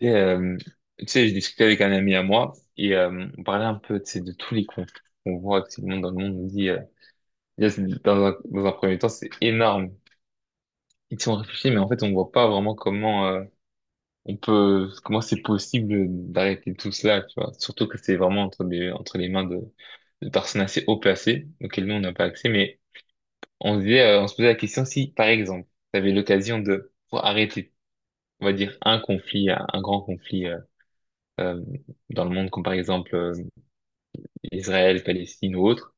Et, euh, Tu sais, je discutais avec un ami à moi et on parlait un peu, tu sais, de tous les cons qu'on voit actuellement dans le monde. On dit, déjà, dans un premier temps, c'est énorme. Ils sont réfléchis, mais en fait, on voit pas vraiment comment on peut, comment c'est possible d'arrêter tout cela, tu vois. Surtout que c'est vraiment entre les mains de personnes assez haut placées, auxquelles nous, on n'a pas accès. Mais on se disait, on se posait la question si, par exemple, tu avais l'occasion de pouvoir arrêter, on va dire, un conflit, un grand conflit euh, dans le monde, comme par exemple... Israël, Palestine ou autre.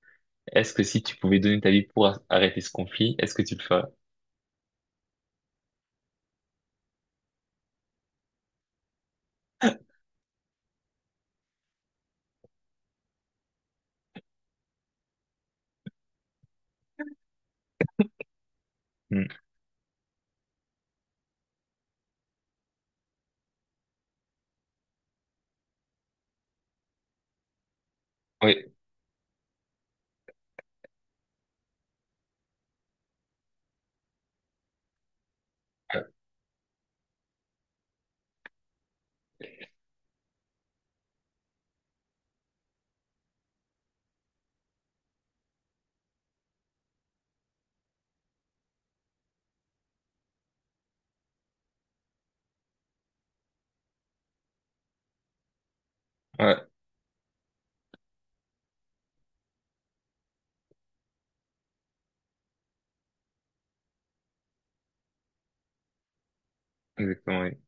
Est-ce que si tu pouvais donner ta vie pour arrêter ce conflit, est-ce que tu le ferais? Hmm. Oui, ouais, ouais, exactement, oui.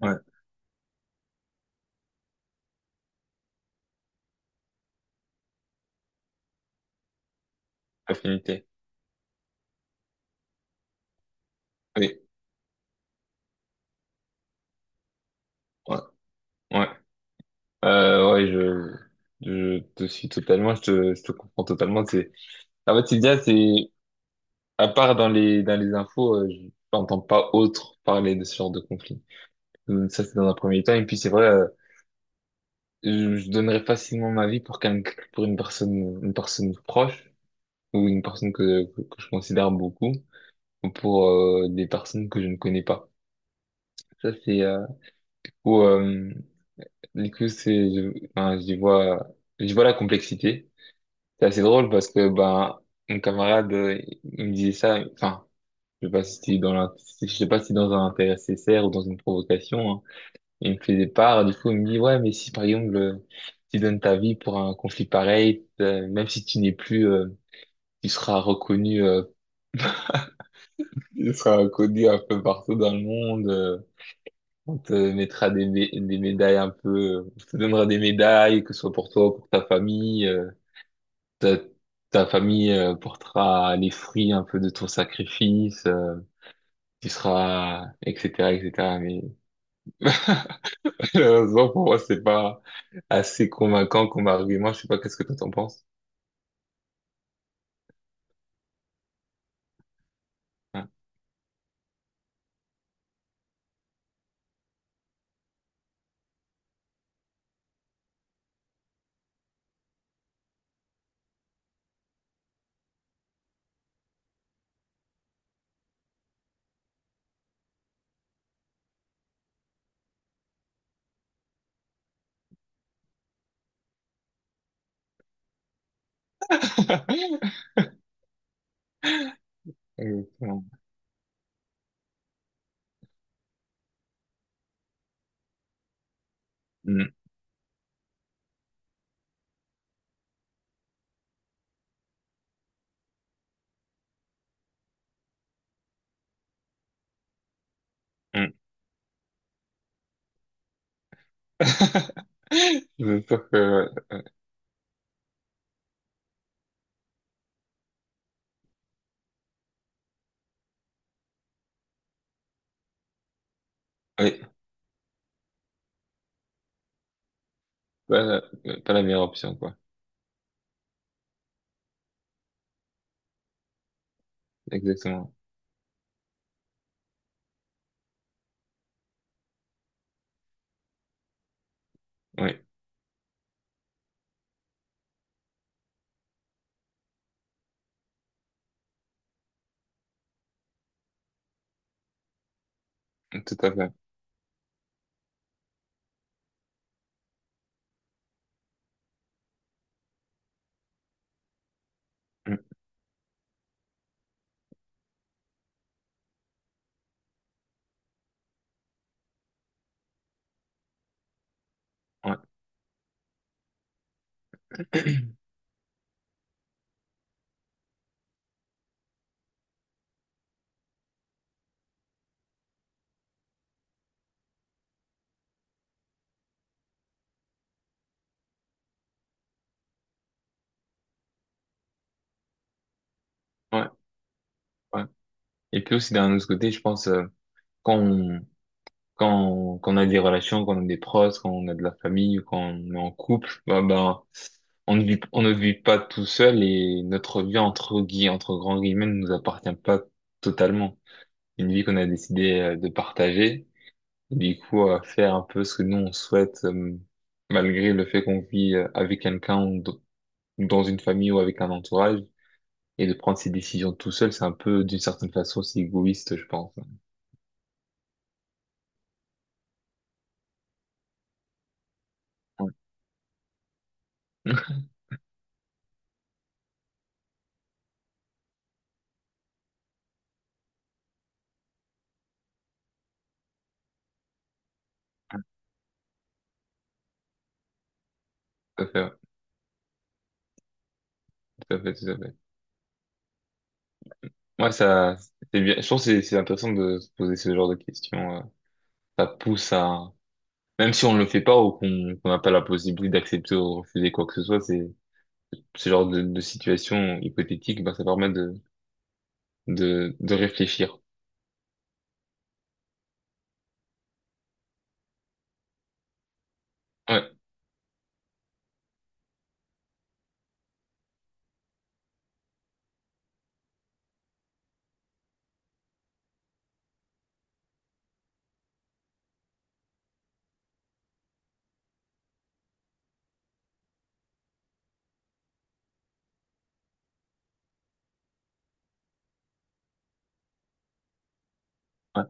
Ouais, affinité. Oui, ouais, ouais. Ouais, je te suis totalement, je te comprends totalement. C'est, en fait, Sylvia, c'est, à part dans les infos, je n'entends pas autre parler de ce genre de conflit. Donc, ça, c'est dans un premier temps. Et puis, c'est vrai, je donnerais facilement ma vie pour qu'un, pour une personne proche, ou une personne que je considère beaucoup pour des personnes que je ne connais pas. Ça, c'est où, du coup, c'est, je, enfin, j'y vois la complexité. C'est assez drôle parce que, ben, mon camarade, il me disait ça, enfin, je sais pas si c'était dans la, si- je sais pas si c'était dans un intérêt sincère ou dans une provocation, hein. Il me faisait part, du coup, il me dit, ouais, mais si, par exemple, tu donnes ta vie pour un conflit pareil, même si tu n'es plus, tu seras reconnu, tu seras connu un peu partout dans le monde. On te mettra des médailles un peu, on te donnera des médailles, que ce soit pour toi ou pour ta famille. Ta, ta famille portera les fruits un peu de ton sacrifice. Tu seras, etc., etc. Mais malheureusement, pour moi, c'est pas assez convaincant comme argument. Je sais pas, qu'est-ce que toi t'en penses? Ouais. Exactement. Mm, mm. C'est sûr que, ouais, pas la, pas la meilleure option, quoi. Exactement. Oui, tout à fait. Mm, ouais. Ouais, ouais. Et puis aussi d'un autre côté, je pense quand on, quand on a des relations, quand on a des proches, quand on a de la famille ou quand on est en couple, bah on ne vit pas tout seul, et notre vie entre grands guillemets ne nous appartient pas totalement. Une vie qu'on a décidé de partager, et du coup à faire un peu ce que nous on souhaite, malgré le fait qu'on vit avec quelqu'un ou dans une famille ou avec un entourage. Et de prendre ses décisions tout seul, c'est un peu, d'une certaine façon, c'est égoïste, je pense. Ouais. Tout à fait, ouais. Tout à fait, tout à fait. Ouais, ça, c'est bien. Je trouve que c'est intéressant de se poser ce genre de questions. Ça pousse à, même si on ne le fait pas ou qu'on n'a pas la possibilité d'accepter ou de refuser quoi que ce soit, c'est ce genre de situation hypothétique, bah, ça permet de réfléchir. Ouais, ouais,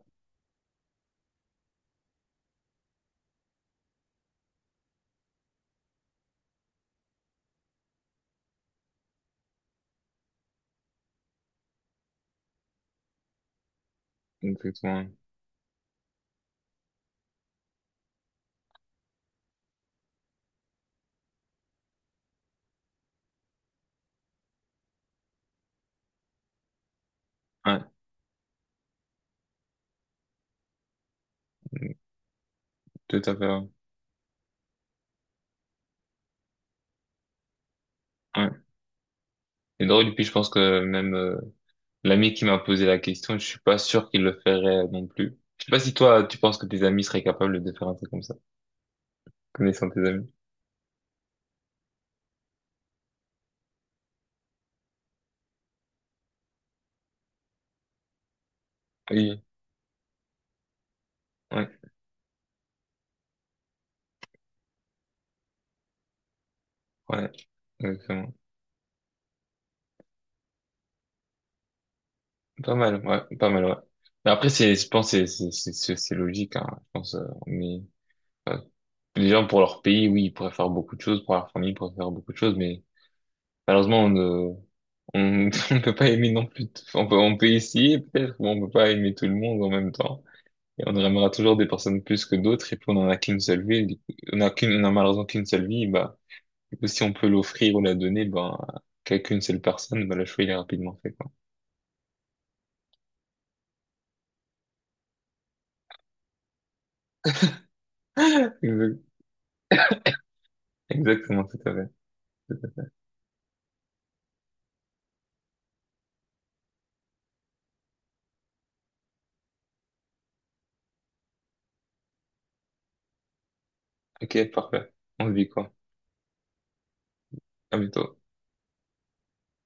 exactement. Ouais, tout à fait. Ouais. Ouais. Et drôle, et puis je pense que même, l'ami qui m'a posé la question, je suis pas sûr qu'il le ferait non plus. Je sais pas si toi, tu penses que tes amis seraient capables de faire un truc comme ça, connaissant tes amis. Oui, ouais, ouais, exactement. Pas mal, ouais, pas mal, ouais. Mais après, c'est, je pense, que c'est logique, hein, je pense, mais, euh, les gens pour leur pays, oui, ils pourraient faire beaucoup de choses, pour leur famille, ils pourraient faire beaucoup de choses, mais, malheureusement, on, on ne peut pas aimer non plus, on peut essayer peut-être, mais on peut pas aimer tout le monde en même temps. Et on aimera toujours des personnes plus que d'autres, et puis on en a qu'une seule vie, on a qu'une, on a malheureusement qu'une seule vie, bah, du coup, si on peut l'offrir ou la donner, ben, à qu'une seule personne, bah, le choix, il est rapidement fait, quoi. Exact- Exactement, tout à fait. Ok, parfait. On se dit quoi? À bientôt.